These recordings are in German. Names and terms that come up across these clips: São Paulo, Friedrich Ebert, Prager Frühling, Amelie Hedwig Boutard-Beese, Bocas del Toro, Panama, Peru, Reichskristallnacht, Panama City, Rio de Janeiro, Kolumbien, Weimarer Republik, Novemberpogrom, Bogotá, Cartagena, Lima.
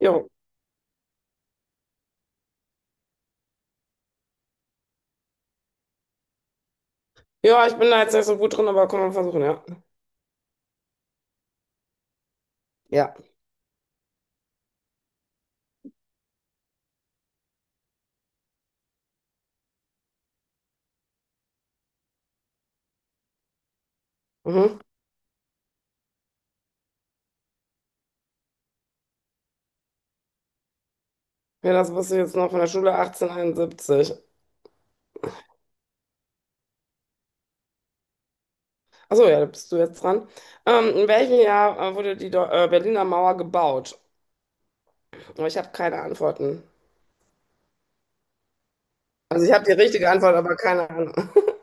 Jo. Ja, ich bin da jetzt nicht so gut drin, aber kann man versuchen, ja. Ja. Mhm. Ja, das wusste ich jetzt noch von der Schule 1871. Achso, ja, da bist du jetzt dran. In welchem Jahr wurde die Berliner Mauer gebaut? Aber ich habe keine Antworten. Also ich habe die richtige Antwort, aber keine Ahnung.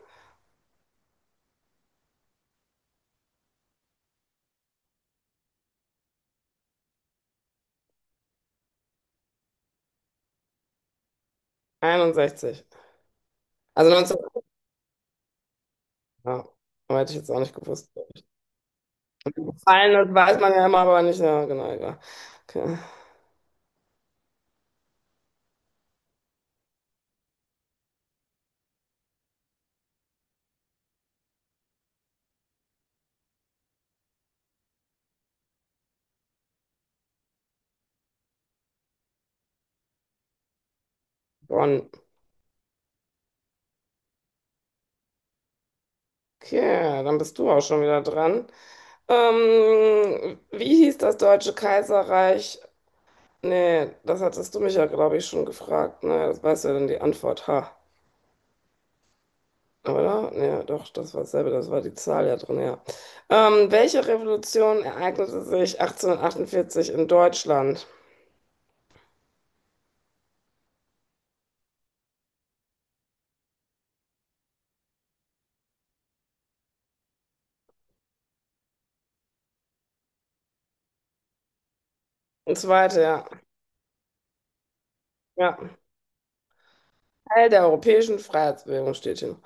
61. Also 19. Ja, aber hätte ich jetzt auch nicht gewusst, glaub ich. Gefallen, das weiß man ja immer, aber nicht. Ja, genau, egal. Okay. Bonn. Okay, dann bist du auch schon wieder dran. Wie hieß das Deutsche Kaiserreich? Nee, das hattest du mich ja, glaube ich, schon gefragt. Ne, das weißt du ja dann die Antwort. Ha. Oder? Nee, doch, das war dasselbe, das war die Zahl ja drin, ja. Welche Revolution ereignete sich 1848 in Deutschland? Eine zweite, ja. Ja. Teil der europäischen Freiheitsbewegung steht hier.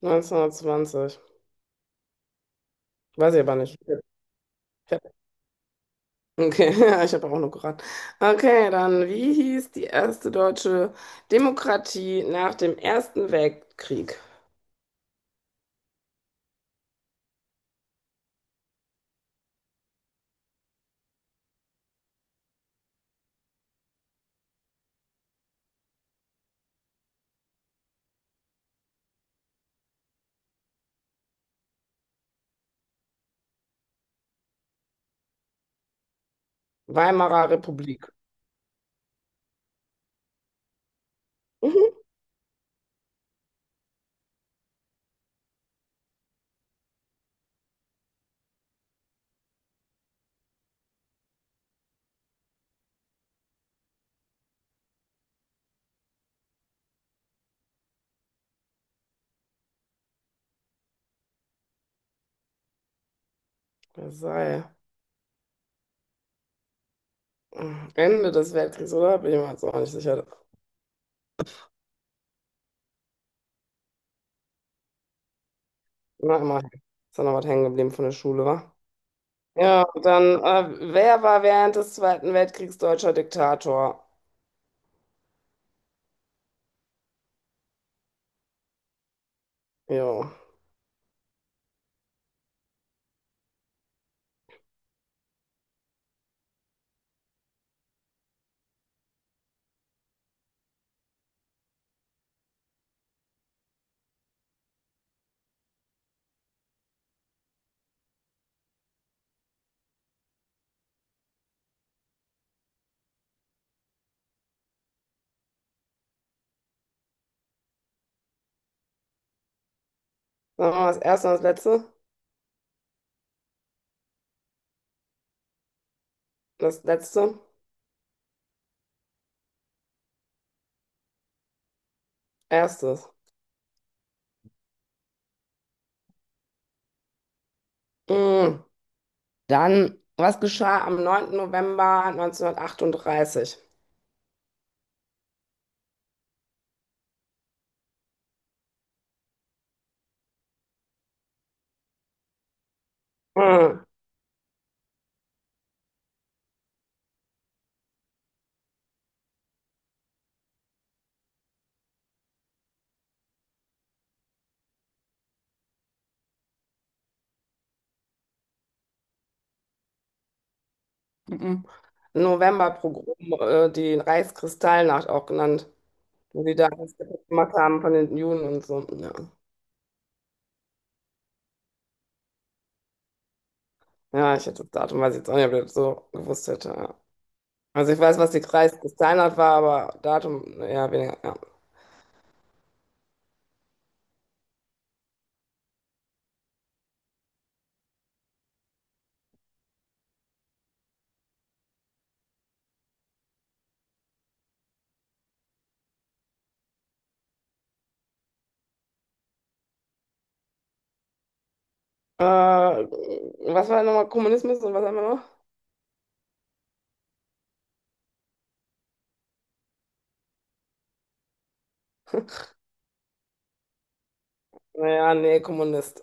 1920. Weiß ich aber nicht. Okay, ja, ich habe auch nur geraten. Okay, dann, wie hieß die erste deutsche Demokratie nach dem Ersten Weltkrieg? Weimarer Republik. Mhm. Versailles. Ende des Weltkriegs, oder? Bin ich mir jetzt auch nicht sicher. Na, immerhin. Ist da noch was hängen geblieben von der Schule, wa? Ja, dann, wer war während des Zweiten Weltkriegs deutscher Diktator? Jo. Sagen wir mal das erste und das letzte? Das letzte? Erstes. Mm. Dann, was geschah am 9. November 1938? Hm. Mhm. Novemberpogrom, die Reichskristallnacht auch genannt, wo die da das kaputt gemacht haben von den Juden und so. Ja, ja, ich hätte das Datum, weiß ich jetzt auch nicht, ob ich das so gewusst hätte. Ja. Also ich weiß, was die Reichskristallnacht war, aber Datum eher weniger. Ja. Was war nochmal Kommunismus und was haben wir noch? Naja, nee, Kommunist.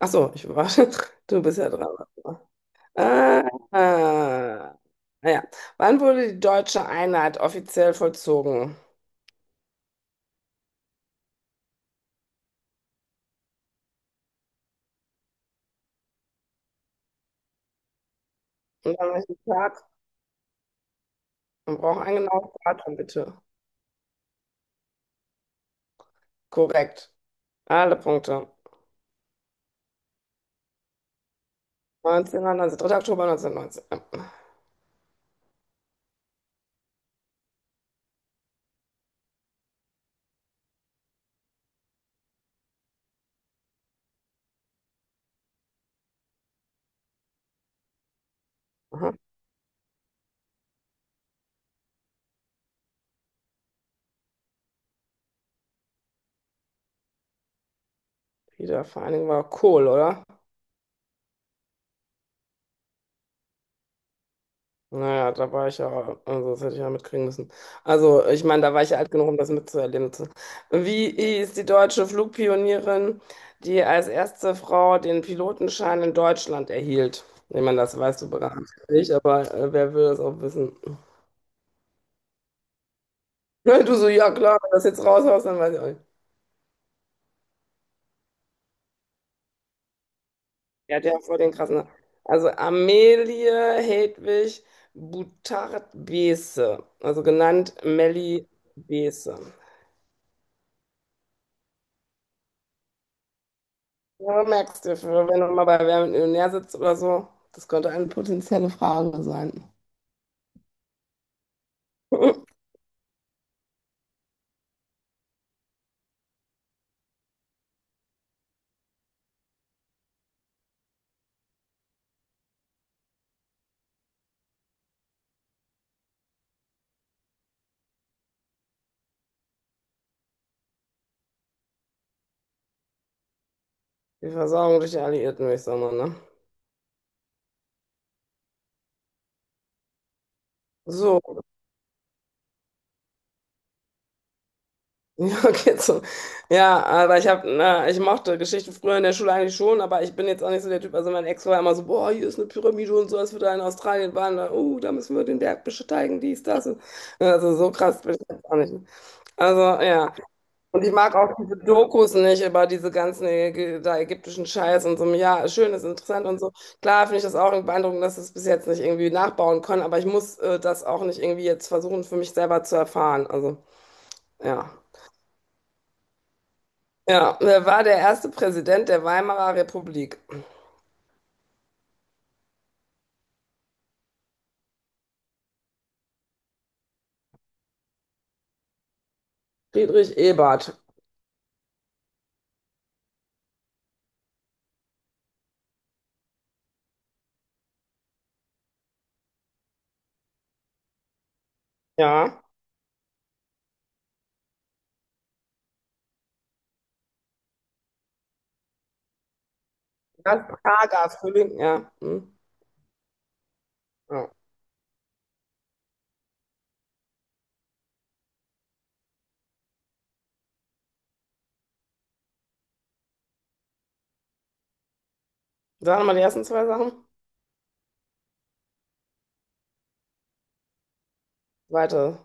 Ach so, ich war, du bist ja dran. Ah, ah, ja. Wann wurde die deutsche Einheit offiziell vollzogen? Und an welchem Tag? Wir brauchen ein genaues Datum, bitte. Korrekt. Alle Punkte. 19, 19, 3. Oktober 1919. Ja. Aha. Wiedervereinigung war Kohl, oder? Naja, da war ich ja, also das hätte ich ja mitkriegen müssen. Also, ich meine, da war ich ja alt genug, um das mitzuerleben. Wie ist die deutsche Flugpionierin, die als erste Frau den Pilotenschein in Deutschland erhielt? Ich meine, das weißt du bereits nicht, aber wer will das auch wissen? Du so, ja klar, wenn du das jetzt raushaust, dann weiß ich auch nicht. Ja, der hat voll den krassen Namen. Also, Amelie Hedwig Boutard-Beese, also genannt Melli Beese. Ja, merkst du, wenn du mal bei Wer wird Millionär sitzt oder so, das könnte eine potenzielle Frage sein. Die Versorgung durch die Alliierten, würde ich sagen, ne? So, ja, geht so. Ja, aber ich habe, na, ich mochte Geschichte früher in der Schule eigentlich schon, aber ich bin jetzt auch nicht so der Typ. Also mein Ex war immer so, boah, hier ist eine Pyramide und so, als wir da in Australien waren, da, oh, da müssen wir den Berg besteigen, dies, das. Und, also so krass bin ich jetzt auch nicht. Also ja. Und ich mag auch diese Dokus nicht über diese ganzen da ägyptischen Scheiß und so. Ja, schön, ist interessant und so. Klar finde ich das auch beeindruckend, dass sie es bis jetzt nicht irgendwie nachbauen können, aber ich muss das auch nicht irgendwie jetzt versuchen, für mich selber zu erfahren. Also, ja. Ja, wer war der erste Präsident der Weimarer Republik? Friedrich Ebert. Ja. Das Prager Frühling, ja. Hm. Ja. Sagen wir mal die ersten zwei Sachen. Weiter.